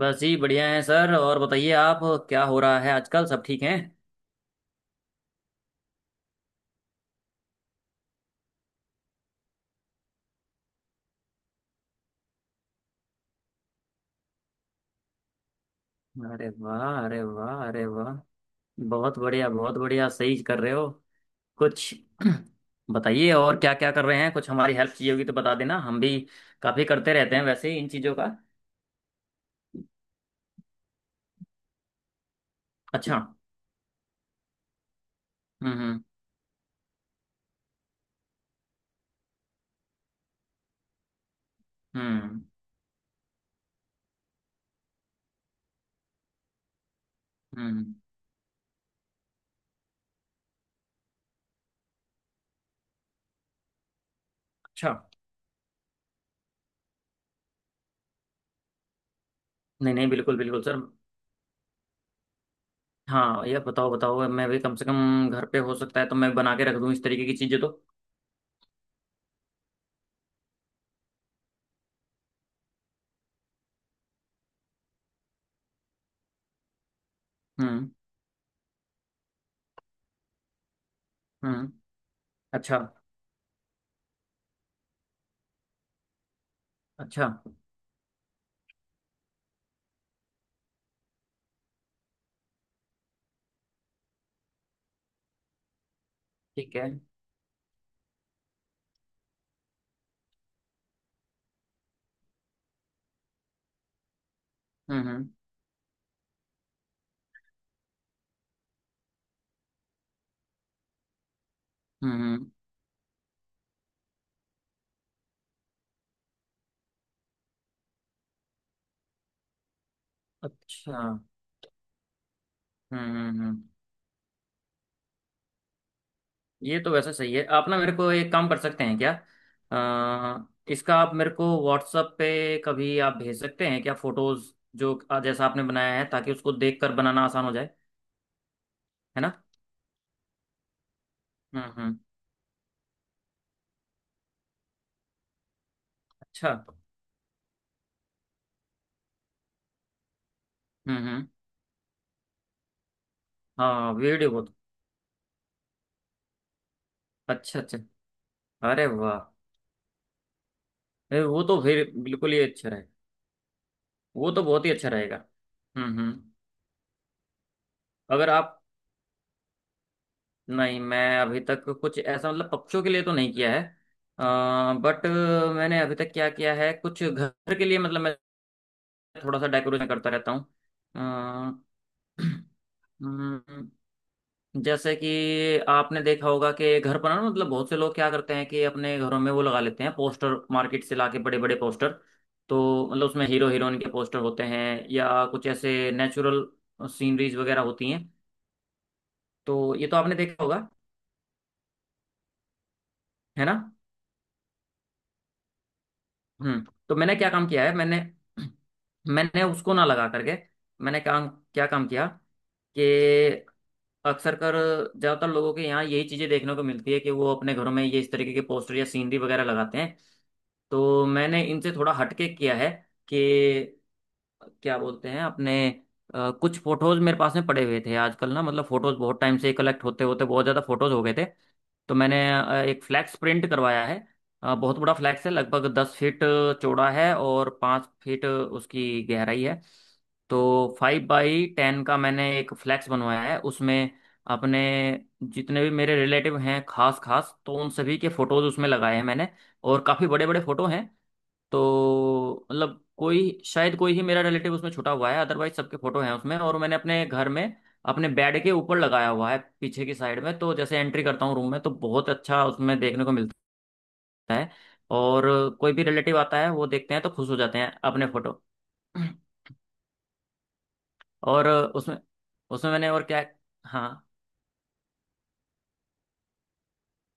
बस जी बढ़िया है सर। और बताइए आप, क्या हो रहा है आजकल? सब ठीक हैं? अरे वाह, अरे वाह, अरे वाह। बहुत बढ़िया, बहुत बढ़िया, सही कर रहे हो। कुछ बताइए और क्या क्या कर रहे हैं। कुछ हमारी हेल्प चाहिए होगी तो बता देना, हम भी काफी करते रहते हैं वैसे ही इन चीजों का। अच्छा। हम्म, हम्म। हम्म, हम्म। अच्छा। नहीं नहीं, बिल्कुल बिल्कुल सर। हाँ ये बताओ बताओ, मैं भी कम से कम घर पे हो सकता है तो मैं बना के रख दूं इस तरीके की चीजें तो। हम्म, हम्म। अच्छा। अच्छा। ठीक है। हम्म, हम्म। हम्म। अच्छा। हम्म, हम्म। ये तो वैसे सही है। आप ना मेरे को एक काम कर सकते हैं क्या, इसका आप मेरे को व्हाट्सएप पे कभी आप भेज सकते हैं क्या? फोटोज जो जैसा आपने बनाया है, ताकि उसको देख कर बनाना आसान हो जाए। है ना? हम्म, हम्म। अच्छा। हम्म, हम्म। हाँ वीडियो बहुत अच्छा, अच्छा। अरे वाह। ए, वो तो फिर बिल्कुल ही अच्छा रहे। वो तो बहुत ही अच्छा रहेगा। हम्म, हम्म। अगर आप, नहीं मैं अभी तक कुछ ऐसा मतलब पक्षियों के लिए तो नहीं किया है। बट मैंने अभी तक क्या किया है, कुछ घर के लिए मतलब मैं थोड़ा सा डेकोरेशन करता रहता हूँ। अ, हम्म, जैसे कि आपने देखा होगा कि घर पर ना, मतलब बहुत से लोग क्या करते हैं कि अपने घरों में वो लगा लेते हैं पोस्टर, मार्केट से लाके बड़े बड़े पोस्टर। तो मतलब उसमें हीरो हीरोइन के पोस्टर होते हैं या कुछ ऐसे नेचुरल सीनरीज वगैरह होती हैं। तो ये तो आपने देखा होगा, है ना? हम्म। तो मैंने क्या काम किया है, मैंने मैंने उसको ना लगा करके, मैंने काम क्या काम किया कि अक्सर कर, ज़्यादातर लोगों के यहाँ यही चीज़ें देखने को मिलती है कि वो अपने घरों में ये इस तरीके के पोस्टर या सीनरी वगैरह लगाते हैं। तो मैंने इनसे थोड़ा हटके किया है कि क्या बोलते हैं अपने, कुछ फोटोज मेरे पास में पड़े हुए थे आजकल ना, मतलब फोटोज बहुत टाइम से कलेक्ट होते होते बहुत ज़्यादा फोटोज हो गए थे। तो मैंने एक फ्लैक्स प्रिंट करवाया है। बहुत बड़ा फ्लैक्स है, लगभग 10 फीट चौड़ा है और 5 फीट उसकी गहराई है। तो 5x10 का मैंने एक फ्लैक्स बनवाया है। उसमें अपने जितने भी मेरे रिलेटिव हैं खास खास, तो उन सभी के फोटोज उसमें लगाए हैं मैंने। और काफ़ी बड़े बड़े फोटो हैं। तो मतलब कोई शायद कोई ही मेरा रिलेटिव उसमें छुटा हुआ है, अदरवाइज सबके फोटो हैं उसमें। और मैंने अपने घर में अपने बेड के ऊपर लगाया हुआ है, पीछे की साइड में, तो जैसे एंट्री करता हूँ रूम में तो बहुत अच्छा उसमें देखने को मिलता है। और कोई भी रिलेटिव आता है वो देखते हैं तो खुश हो जाते हैं अपने फोटो। और उसमें उसमें मैंने और क्या, हाँ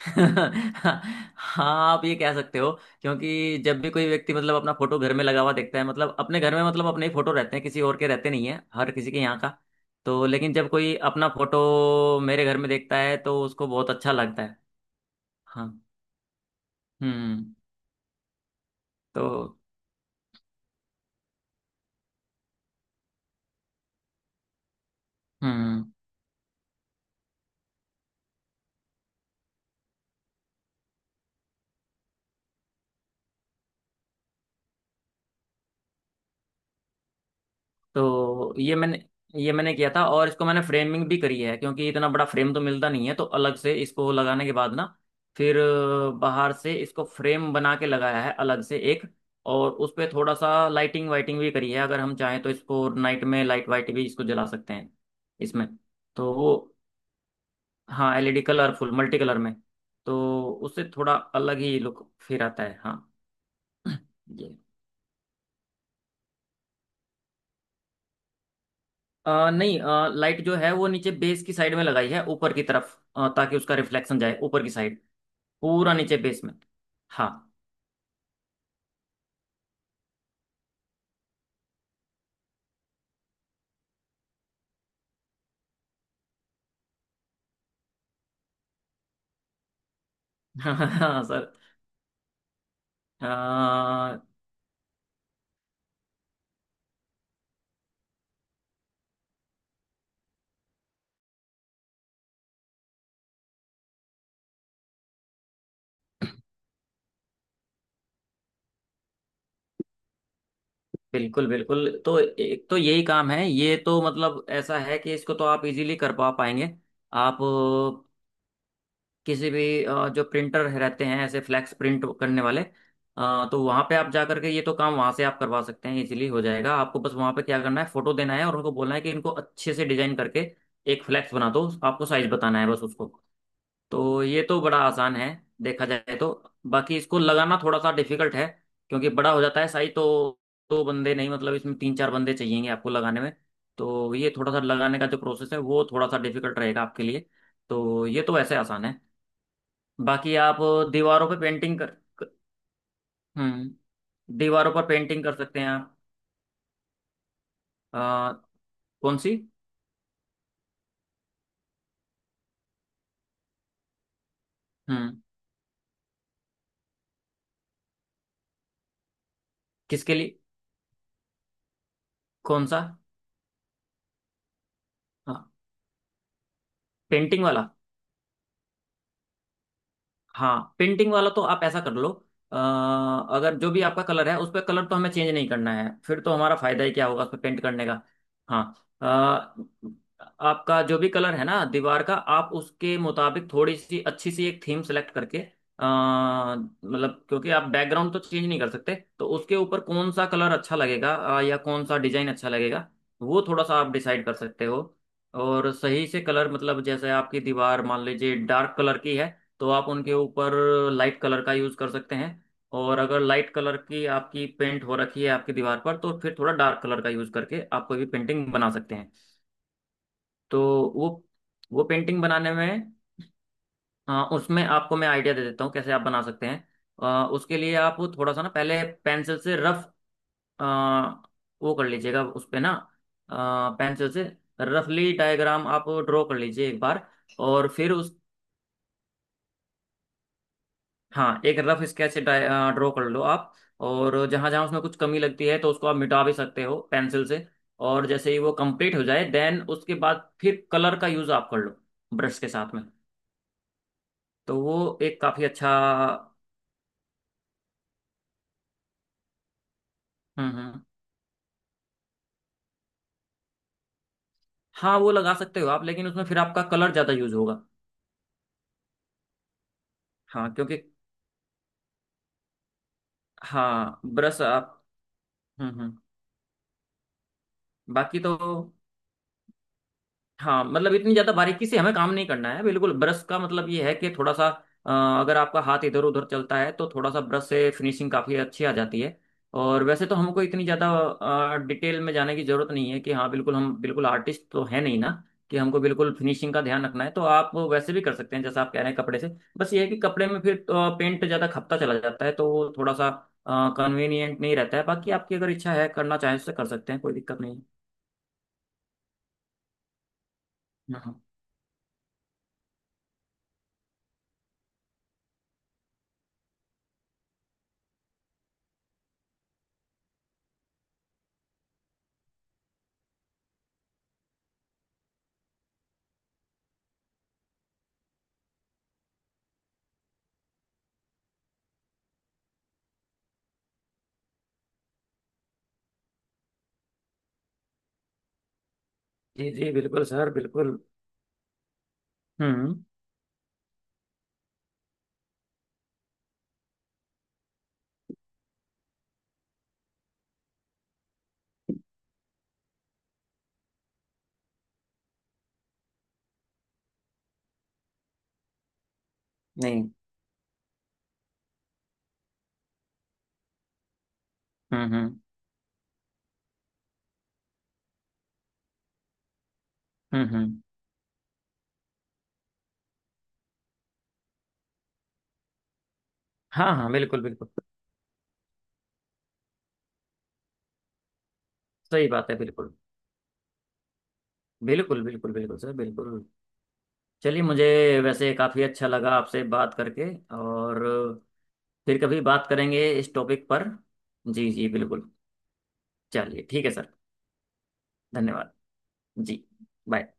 हाँ आप ये कह सकते हो, क्योंकि जब भी कोई व्यक्ति मतलब अपना फोटो घर में लगा हुआ देखता है, मतलब अपने घर में मतलब अपने ही फोटो रहते हैं, किसी और के रहते नहीं है हर किसी के यहाँ का। तो लेकिन जब कोई अपना फोटो मेरे घर में देखता है तो उसको बहुत अच्छा लगता है। हाँ। हम्म। तो हम्म। तो ये मैंने किया था और इसको मैंने फ्रेमिंग भी करी है, क्योंकि इतना बड़ा फ्रेम तो मिलता नहीं है, तो अलग से इसको लगाने के बाद ना फिर बाहर से इसको फ्रेम बना के लगाया है अलग से एक। और उस पे थोड़ा सा लाइटिंग वाइटिंग भी करी है, अगर हम चाहें तो इसको नाइट में लाइट वाइट भी इसको जला सकते हैं। इसमें तो वो हाँ एलईडी कलरफुल मल्टी कलर में, तो उससे थोड़ा अलग ही लुक फिर आता है। हाँ। ये नहीं लाइट जो है वो नीचे बेस की साइड में लगाई है ऊपर की तरफ, ताकि उसका रिफ्लेक्शन जाए ऊपर की साइड, पूरा नीचे बेस में। हाँ। हाँ सर। आ, बिल्कुल बिल्कुल, तो एक तो यही काम है, ये तो मतलब ऐसा है कि इसको तो आप इजीली कर पा पाएंगे। आप किसी भी जो प्रिंटर रहते हैं ऐसे फ्लैक्स प्रिंट करने वाले, तो वहाँ पे आप जा करके ये तो काम वहाँ से आप करवा सकते हैं, इजीली हो जाएगा। आपको बस वहाँ पे क्या करना है, फोटो देना है और उनको बोलना है कि इनको अच्छे से डिजाइन करके एक फ्लैक्स बना दो। आपको साइज बताना है बस उसको। तो ये तो बड़ा आसान है देखा जाए तो। बाकी इसको लगाना थोड़ा सा डिफिकल्ट है, क्योंकि बड़ा हो जाता है साइज तो, दो बंदे नहीं मतलब इसमें तीन चार बंदे चाहिएंगे आपको लगाने में। तो ये थोड़ा सा लगाने का जो प्रोसेस है वो थोड़ा सा डिफिकल्ट रहेगा आपके लिए। तो ये तो वैसे आसान है। बाकी आप दीवारों पे पेंटिंग कर, क-, हम्म, दीवारों पर पेंटिंग कर सकते हैं आप। अ, कौन सी, हम्म, किसके लिए, कौन सा, हाँ पेंटिंग वाला, हाँ पेंटिंग वाला तो आप ऐसा कर लो। अ, अगर जो भी आपका कलर है उस पर कलर तो हमें चेंज नहीं करना है, फिर तो हमारा फायदा ही क्या होगा उस पर पेंट करने का। हाँ। अ, आपका जो भी कलर है ना दीवार का, आप उसके मुताबिक थोड़ी सी अच्छी सी एक थीम सेलेक्ट करके मतलब क्योंकि आप बैकग्राउंड तो चेंज नहीं कर सकते, तो उसके ऊपर कौन सा कलर अच्छा लगेगा, या कौन सा डिजाइन अच्छा लगेगा वो थोड़ा सा आप डिसाइड कर सकते हो। और सही से कलर मतलब, जैसे आपकी दीवार मान लीजिए डार्क कलर की है, तो आप उनके ऊपर लाइट कलर का यूज़ कर सकते हैं। और अगर लाइट कलर की आपकी पेंट हो रखी है आपकी दीवार पर, तो फिर थोड़ा डार्क कलर का यूज़ करके आप कोई भी पेंटिंग बना सकते हैं। तो वो वो पेंटिंग बनाने में उसमें आपको मैं आइडिया दे देता हूँ कैसे आप बना सकते हैं। उसके लिए आप थोड़ा सा ना पहले पेंसिल से रफ वो कर लीजिएगा उस पे ना, पेंसिल से रफली डायग्राम आप ड्रॉ कर लीजिए एक बार। और फिर उस, हाँ एक रफ स्केच ड्रॉ कर लो आप, और जहाँ जहाँ उसमें कुछ कमी लगती है तो उसको आप मिटा भी सकते हो पेंसिल से। और जैसे ही वो कंप्लीट हो जाए देन उसके बाद फिर कलर का यूज़ आप कर लो ब्रश के साथ में। तो वो एक काफ़ी अच्छा। हम्म, हम्म। हाँ वो लगा सकते हो आप, लेकिन उसमें फिर आपका कलर ज़्यादा यूज़ होगा। हाँ क्योंकि, हाँ ब्रश आप, हम्म, हम्म। बाकी तो, हाँ मतलब इतनी ज्यादा बारीकी से हमें काम नहीं करना है, बिल्कुल ब्रश का मतलब ये है कि थोड़ा सा अ, अगर आपका हाथ इधर उधर चलता है तो थोड़ा सा ब्रश से फिनिशिंग काफी अच्छी आ जाती है। और वैसे तो हमको इतनी ज्यादा डिटेल में जाने की जरूरत नहीं है कि, हाँ बिल्कुल, हम बिल्कुल आर्टिस्ट तो है नहीं ना कि हमको बिल्कुल फिनिशिंग का ध्यान रखना है। तो आप वैसे भी कर सकते हैं जैसा आप कह रहे हैं, कपड़े से, बस ये है कि कपड़े में फिर पेंट ज्यादा खपता चला जाता है, तो वो थोड़ा सा कन्वीनियंट नहीं रहता है। बाकी आपकी अगर इच्छा है करना चाहें तो कर सकते हैं, कोई दिक्कत नहीं है। हाँ जी जी, बिल्कुल सर, बिल्कुल। हम्म। नहीं। हम्म, हम्म। हम्म, हम्म। हाँ हाँ, बिल्कुल बिल्कुल। सही बात है, बिल्कुल। बिल्कुल बिल्कुल बिल्कुल सर, बिल्कुल। चलिए मुझे, वैसे काफ़ी अच्छा लगा आपसे बात करके। और फिर कभी बात करेंगे इस टॉपिक पर। जी जी बिल्कुल। चलिए ठीक है सर। धन्यवाद। जी। बाय।